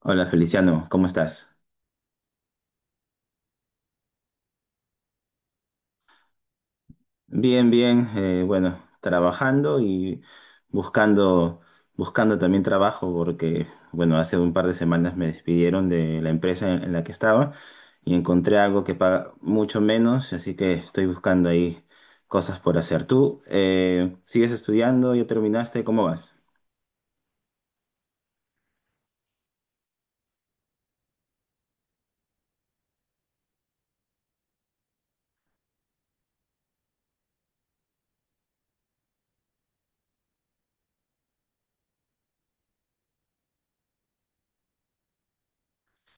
Hola Feliciano, ¿cómo estás? Bien, bien, bueno, trabajando y buscando, buscando también trabajo porque, bueno, hace un par de semanas me despidieron de la empresa en la que estaba y encontré algo que paga mucho menos, así que estoy buscando ahí cosas por hacer. ¿Tú sigues estudiando? ¿Ya terminaste? ¿Cómo vas?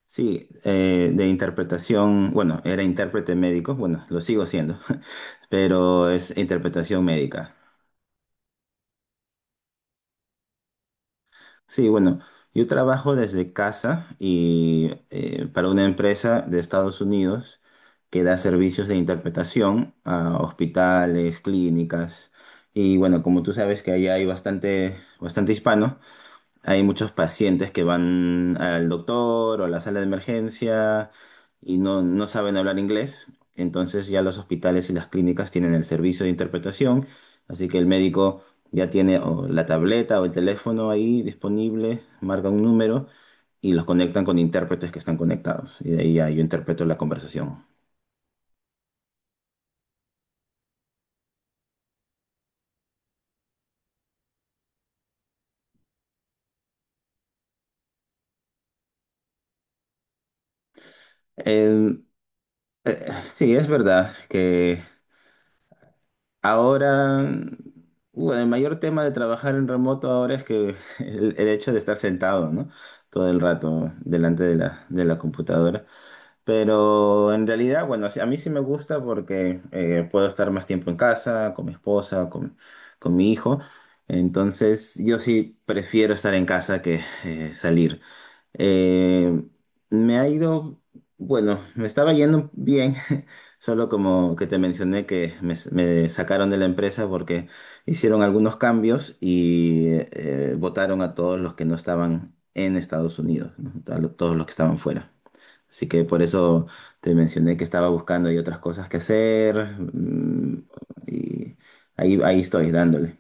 Sí, de interpretación, bueno, era intérprete médico, bueno, lo sigo siendo, pero es interpretación médica. Sí, bueno, yo trabajo desde casa y para una empresa de Estados Unidos que da servicios de interpretación a hospitales, clínicas y bueno, como tú sabes que allá hay bastante, bastante hispano, hay muchos pacientes que van al doctor o a la sala de emergencia y no, no saben hablar inglés. Entonces ya los hospitales y las clínicas tienen el servicio de interpretación. Así que el médico ya tiene o la tableta o el teléfono ahí disponible, marca un número y los conectan con intérpretes que están conectados. Y de ahí ya yo interpreto la conversación. Eh, sí, es verdad que ahora, bueno, el mayor tema de trabajar en remoto ahora es que el hecho de estar sentado, ¿no? Todo el rato delante de la computadora. Pero en realidad, bueno, sí- a mí sí me gusta porque puedo estar más tiempo en casa, con mi esposa, con mi hijo. Entonces, yo sí prefiero estar en casa que salir. Eh, me ha ido, bueno, me estaba yendo bien, solo como que te mencioné que me sacaron de la empresa porque hicieron algunos cambios y votaron a todos los que no estaban en Estados Unidos, ¿no? A lo- todos los que estaban fuera. Así que por eso te mencioné que estaba buscando y otras cosas que hacer, mm, y ahí, ahí estoy dándole.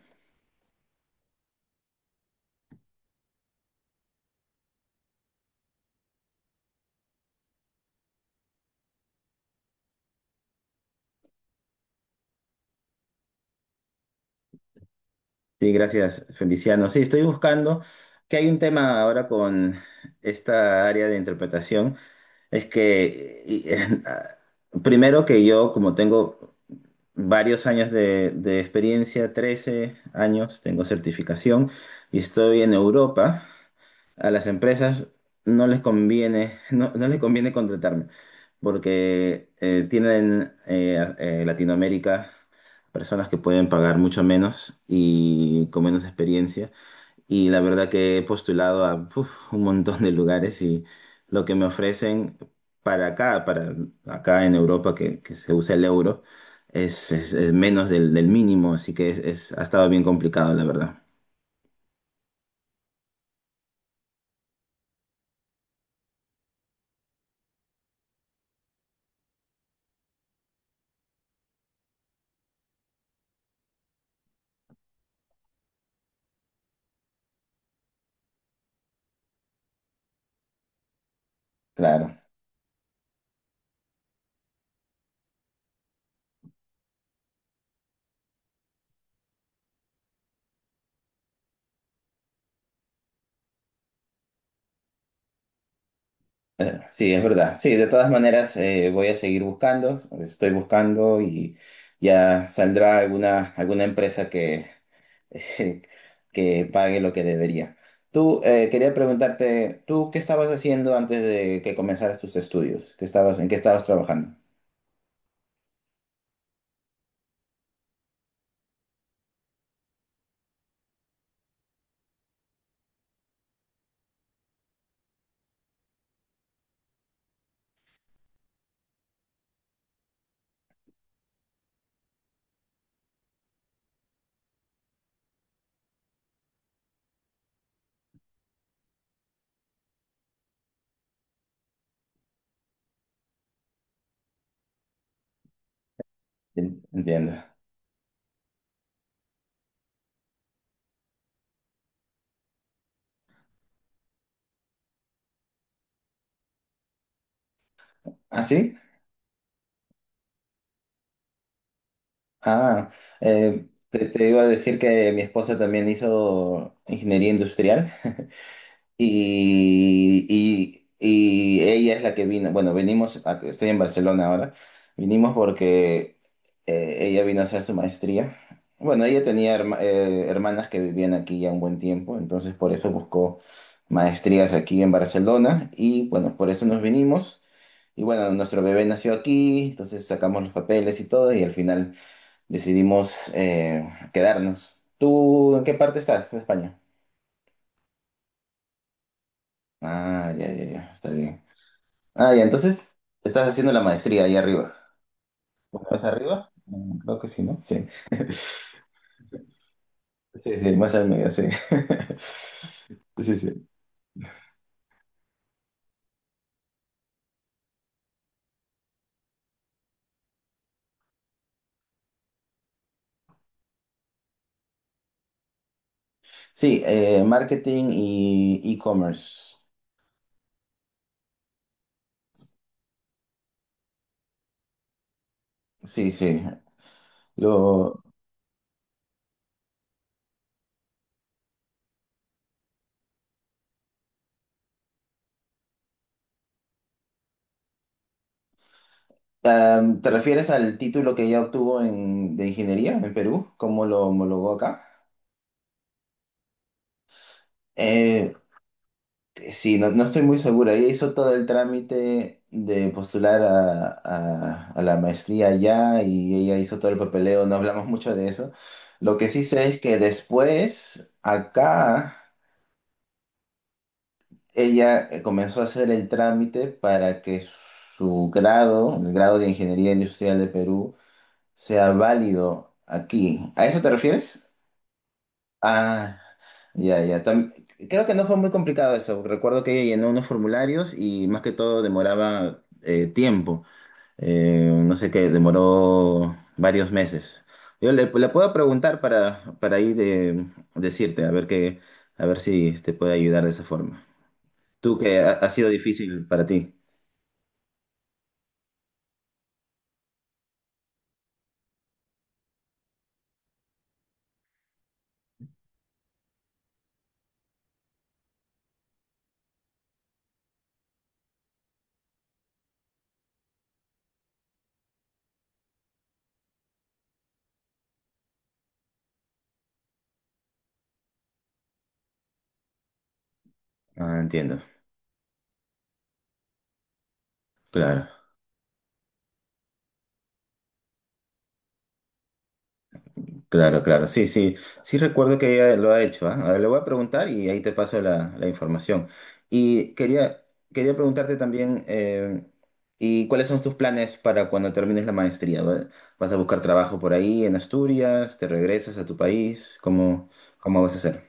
Sí, gracias, Feliciano. Sí, estoy buscando que hay un tema ahora con esta área de interpretación. Es que, y- primero que yo, como tengo varios años de experiencia, 13 años, tengo certificación y estoy en Europa. A las empresas no les conviene, no, no les conviene contratarme porque tienen Latinoamérica personas que pueden pagar mucho menos y con menos experiencia. Y la verdad que he postulado a puf, un montón de lugares y lo que me ofrecen para acá en Europa que se usa el euro, es menos del mínimo, así que es- ha estado bien complicado, la verdad. Claro. Sí, es verdad. Sí, de todas maneras voy a seguir buscando, estoy buscando y ya saldrá alguna, alguna empresa que, que pague lo que debería. Tú, quería preguntarte, ¿tú qué estabas haciendo antes de que comenzaras tus estudios? ¿Qué estabas, en qué estabas trabajando? En- Entiendo. ¿Ah, sí? Ah, te iba a decir que mi esposa también hizo ingeniería industrial. Y ella es la que vino, bueno, venimos, a- estoy en Barcelona ahora, vinimos porque ella vino a hacer su maestría. Bueno, ella tenía herma- hermanas que vivían aquí ya un buen tiempo, entonces por eso buscó maestrías aquí en Barcelona y bueno, por eso nos vinimos. Y bueno, nuestro bebé nació aquí, entonces sacamos los papeles y todo y al final decidimos quedarnos. ¿Tú en qué parte estás de España? Ah, ya, ya, ya, está bien. Ah, ya, entonces estás haciendo la maestría ahí arriba. ¿Más arriba? Mm, creo que sí, ¿no? Sí. Sí, sí, más al medio, sí. Sí, sí. Sí, marketing y e-commerce. Sí, sí. Lo, am, ¿te refieres al título que ella obtuvo en, de ingeniería en Perú? ¿Cómo lo homologó acá? Eh, Sí, no, no estoy muy segura. Ella hizo todo el trámite de postular a la maestría allá y ella hizo todo el papeleo. No hablamos mucho de eso. Lo que sí sé es que después, acá, ella comenzó a hacer el trámite para que su grado, el grado de Ingeniería Industrial de Perú, sea válido aquí. ¿A eso te refieres? Ah, ya, ya. Tam- creo que no fue muy complicado eso. Recuerdo que ella llenó unos formularios y más que todo demoraba tiempo. No sé qué, demoró varios meses. Yo le puedo preguntar para ahí de, decirte, a ver qué, a ver si te puede ayudar de esa forma. Tú que ha, ha sido difícil para ti. Ah, entiendo. Claro. Claro, claro, sí, sí, sí recuerdo que ella lo ha hecho, ¿ah? A ver, le voy a preguntar y ahí te paso la información. Y quería, quería preguntarte también, ¿y cuáles son tus planes para cuando termines la maestría? ¿Va- ¿vas a buscar trabajo por ahí en Asturias? ¿Te regresas a tu país? ¿Cómo, cómo vas a hacer?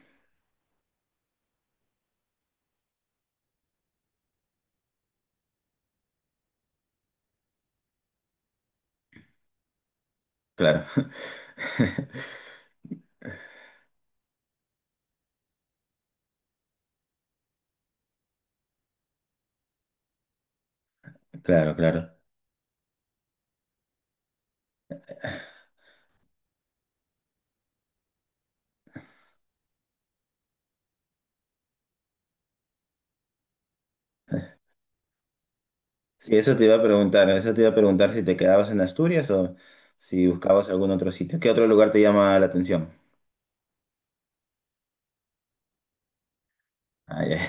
Claro, claro, claro. Sí, eso te iba a preguntar, eso te iba a preguntar si te quedabas en Asturias o si buscabas algún otro sitio. ¿Qué otro lugar te llama la atención? Ah, ya.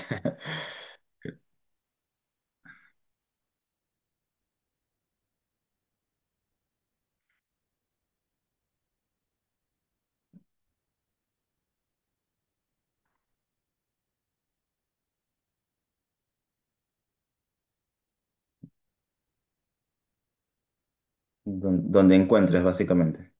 Don- donde encuentres, básicamente.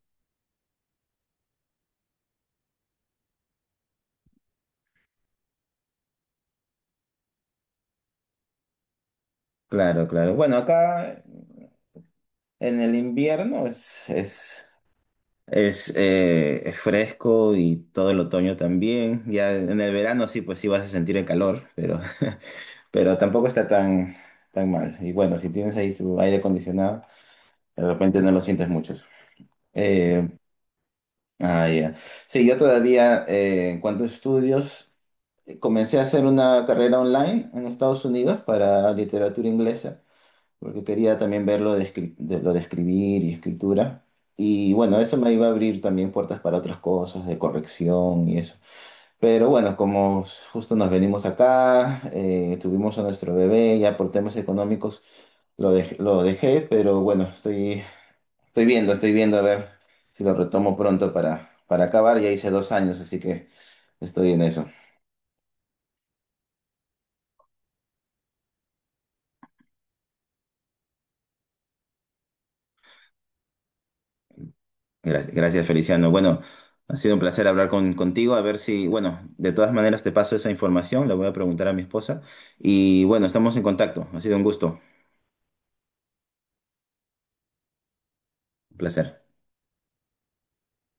Claro, claro. Bueno, acá en el invierno es fresco y todo el otoño también. Ya en el verano sí, pues sí vas a sentir el calor, pero, pero tampoco está tan, tan mal. Y bueno, si tienes ahí tu aire acondicionado, de repente no lo sientes mucho. Eh, ah, ya. Sí, yo todavía, en cuanto a estudios, comencé a hacer una carrera online en Estados Unidos para literatura inglesa, porque quería también ver lo de, escri- de- lo de escribir y escritura. Y bueno, eso me iba a abrir también puertas para otras cosas, de corrección y eso. Pero bueno, como justo nos venimos acá, tuvimos a nuestro bebé, ya por temas económicos lo, dej- lo dejé, pero bueno, estoy, estoy viendo a ver si lo retomo pronto para acabar. Ya hice 2 años, así que estoy en eso. Gracias, gracias, Feliciano. Bueno, ha sido un placer hablar con, contigo. A ver si, bueno, de todas maneras te paso esa información, la voy a preguntar a mi esposa. Y bueno, estamos en contacto. Ha sido un gusto, un placer.